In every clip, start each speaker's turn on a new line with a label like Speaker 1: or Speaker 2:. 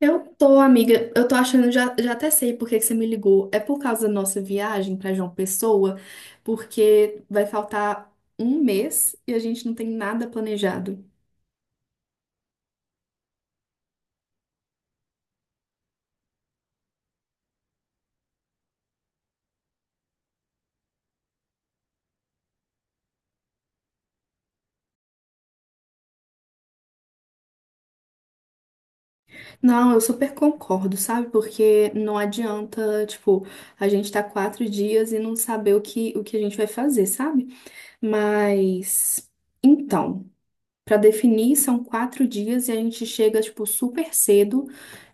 Speaker 1: Eu tô, amiga. Eu tô achando, já até sei por que que você me ligou. É por causa da nossa viagem pra João Pessoa, porque vai faltar um mês e a gente não tem nada planejado. Não, eu super concordo, sabe? Porque não adianta, tipo, a gente tá 4 dias e não saber o que a gente vai fazer, sabe? Mas, então. Para definir, são 4 dias e a gente chega, tipo, super cedo,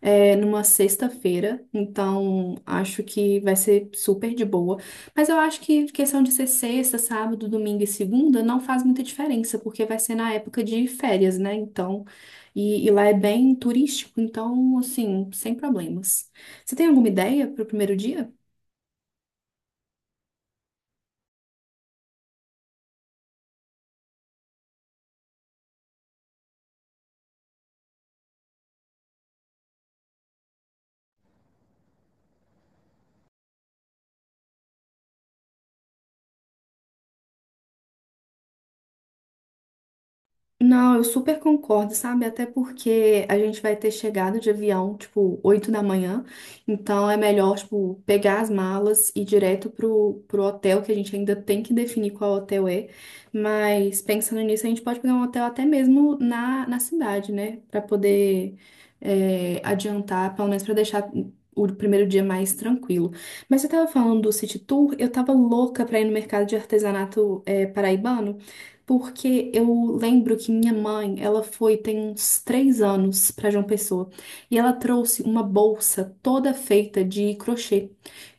Speaker 1: numa sexta-feira. Então, acho que vai ser super de boa. Mas eu acho que questão de ser sexta, sábado, domingo e segunda não faz muita diferença, porque vai ser na época de férias, né? Então, e lá é bem turístico, então, assim, sem problemas. Você tem alguma ideia para o primeiro dia? Não, eu super concordo, sabe? Até porque a gente vai ter chegado de avião, tipo, 8 da manhã. Então é melhor, tipo, pegar as malas e ir direto pro hotel, que a gente ainda tem que definir qual hotel é. Mas pensando nisso, a gente pode pegar um hotel até mesmo na cidade, né? Pra poder adiantar, pelo menos pra deixar o primeiro dia mais tranquilo. Mas você tava falando do city tour, eu tava louca pra ir no mercado de artesanato paraibano. Porque eu lembro que minha mãe, ela foi tem uns 3 anos para João Pessoa e ela trouxe uma bolsa toda feita de crochê.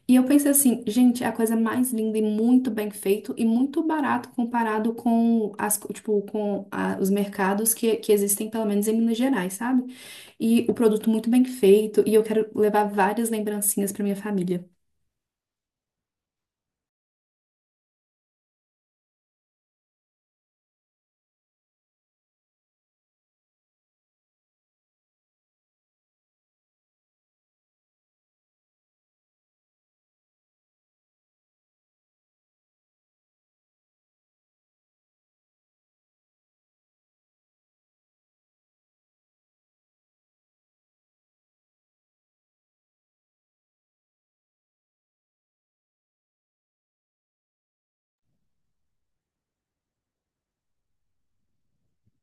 Speaker 1: E eu pensei assim, gente, é a coisa mais linda e muito bem feito e muito barato comparado com tipo, os mercados que existem, pelo menos em Minas Gerais, sabe? E o produto muito bem feito e eu quero levar várias lembrancinhas para minha família.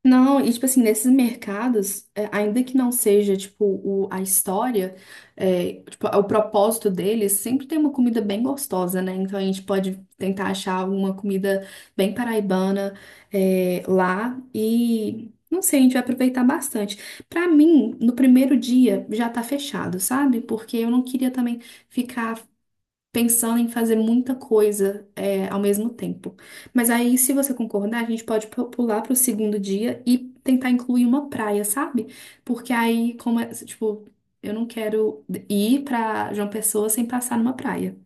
Speaker 1: Não, e tipo assim, nesses mercados, ainda que não seja tipo a história, tipo, o propósito deles, sempre tem uma comida bem gostosa, né? Então a gente pode tentar achar alguma comida bem paraibana, lá e não sei, a gente vai aproveitar bastante. Pra mim, no primeiro dia já tá fechado, sabe? Porque eu não queria também ficar pensando em fazer muita coisa ao mesmo tempo. Mas aí, se você concordar, a gente pode pular para o segundo dia e tentar incluir uma praia, sabe? Porque aí, como é, tipo, eu não quero ir para João Pessoa sem passar numa praia.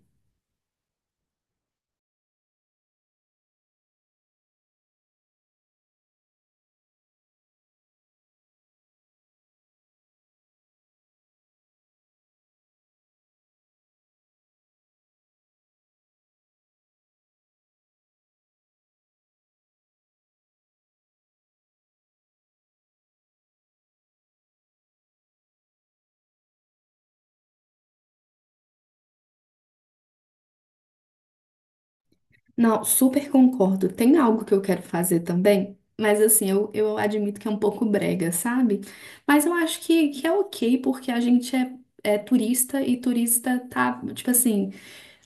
Speaker 1: Não, super concordo. Tem algo que eu quero fazer também, mas assim, eu admito que é um pouco brega, sabe? Mas eu acho que é ok, porque a gente é turista e turista tá, tipo assim,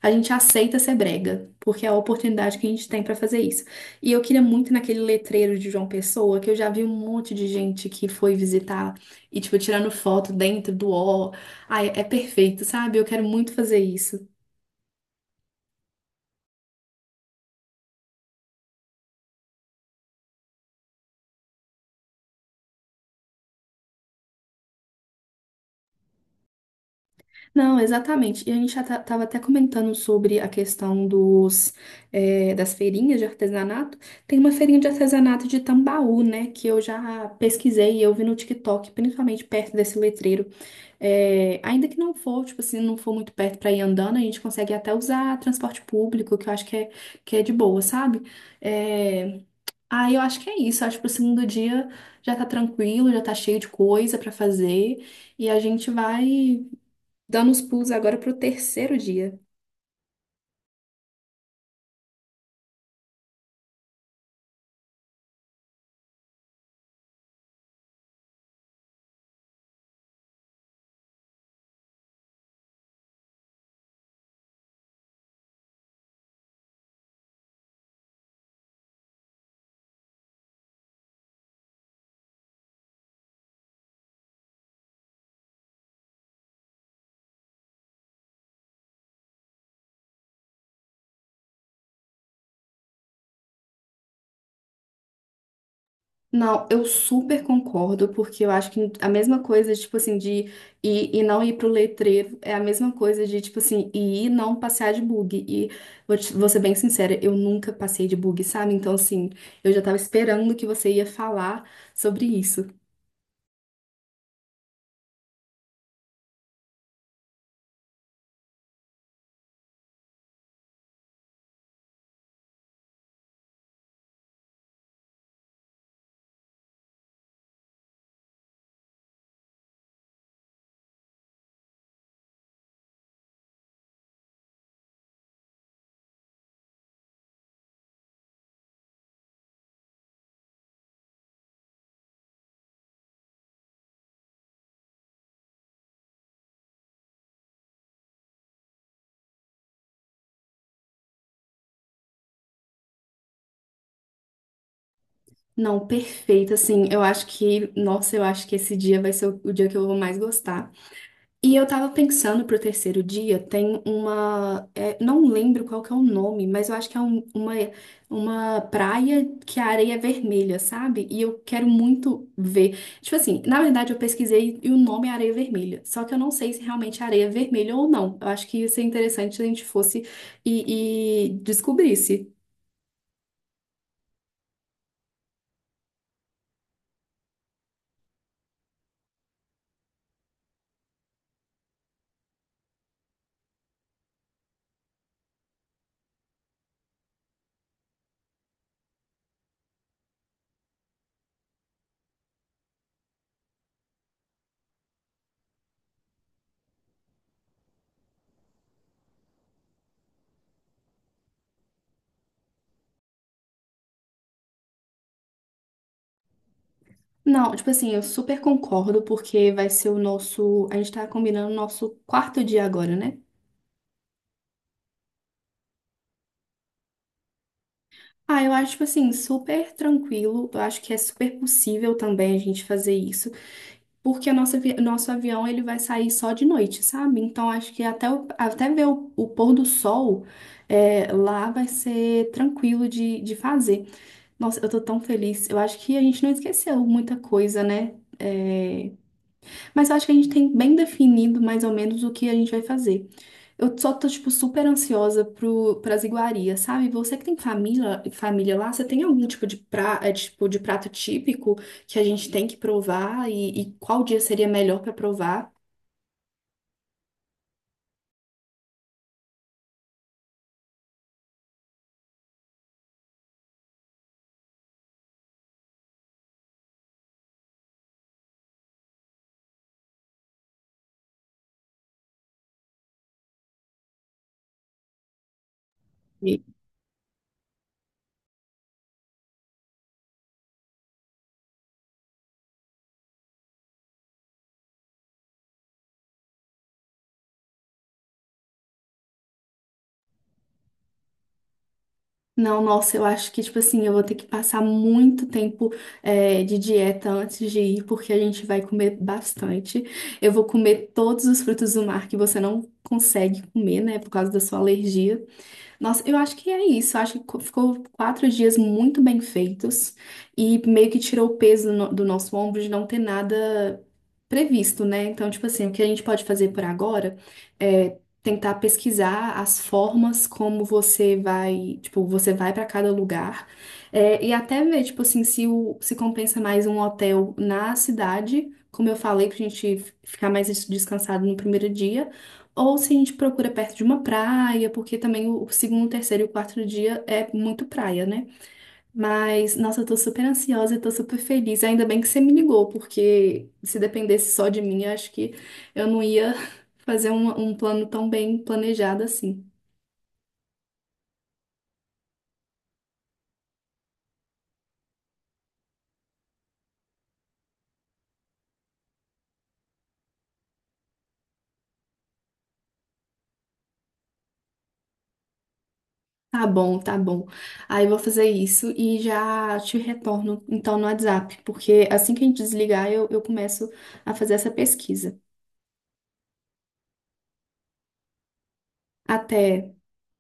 Speaker 1: a gente aceita ser brega, porque é a oportunidade que a gente tem pra fazer isso. E eu queria muito naquele letreiro de João Pessoa, que eu já vi um monte de gente que foi visitar e, tipo, tirando foto dentro do ó. Ai, é perfeito, sabe? Eu quero muito fazer isso. Não, exatamente. E a gente já estava até comentando sobre a questão das feirinhas de artesanato. Tem uma feirinha de artesanato de Tambaú, né? Que eu já pesquisei e eu vi no TikTok, principalmente perto desse letreiro. Ainda que não for, tipo assim, não for muito perto para ir andando, a gente consegue até usar transporte público, que eu acho que é de boa, sabe? Eh, Aí eu acho que é isso. Acho que pro segundo dia já tá tranquilo, já tá cheio de coisa para fazer. E a gente vai dando os pulos agora pro terceiro dia. Não, eu super concordo, porque eu acho que a mesma coisa, tipo assim, de ir e não ir pro letreiro é a mesma coisa de, tipo assim, ir e não passear de bug. E vou ser bem sincera, eu nunca passei de bug, sabe? Então, assim, eu já tava esperando que você ia falar sobre isso. Não, perfeito, assim, eu acho que, nossa, eu acho que esse dia vai ser o dia que eu vou mais gostar. E eu tava pensando pro terceiro dia, não lembro qual que é o nome, mas eu acho que é uma praia que a areia é vermelha, sabe? E eu quero muito ver. Tipo assim, na verdade eu pesquisei e o nome é areia vermelha. Só que eu não sei se realmente é areia vermelha ou não. Eu acho que ia ser interessante se a gente fosse e descobrisse. Não, tipo assim, eu super concordo, porque vai ser o nosso. A gente tá combinando o nosso quarto dia agora, né? Ah, eu acho, tipo assim, super tranquilo. Eu acho que é super possível também a gente fazer isso, porque nosso avião ele vai sair só de noite, sabe? Então acho que até ver o pôr do sol lá vai ser tranquilo de fazer. Nossa, eu tô tão feliz. Eu acho que a gente não esqueceu muita coisa, né? Mas eu acho que a gente tem bem definido mais ou menos o que a gente vai fazer. Eu só tô, tipo, super ansiosa pras iguarias, sabe? Você que tem família, família lá, você tem algum tipo de prato típico que a gente tem que provar e qual dia seria melhor pra provar? E- Não, nossa, eu acho que, tipo assim, eu vou ter que passar muito tempo, de dieta antes de ir, porque a gente vai comer bastante. Eu vou comer todos os frutos do mar que você não consegue comer, né, por causa da sua alergia. Nossa, eu acho que é isso. Eu acho que ficou 4 dias muito bem feitos e meio que tirou o peso do nosso ombro de não ter nada previsto, né? Então, tipo assim, o que a gente pode fazer por agora é tentar pesquisar as formas como você vai para cada lugar e até ver, tipo assim, se compensa mais um hotel na cidade. Como eu falei, pra gente ficar mais descansado no primeiro dia ou se a gente procura perto de uma praia, porque também o segundo, terceiro e o quarto dia é muito praia, né? Mas, nossa, eu tô super ansiosa, eu tô super feliz. Ainda bem que você me ligou, porque se dependesse só de mim, eu acho que eu não ia fazer um plano tão bem planejado assim. Tá bom, tá bom. Aí eu vou fazer isso e já te retorno, então, no WhatsApp, porque assim que a gente desligar, eu começo a fazer essa pesquisa. Até.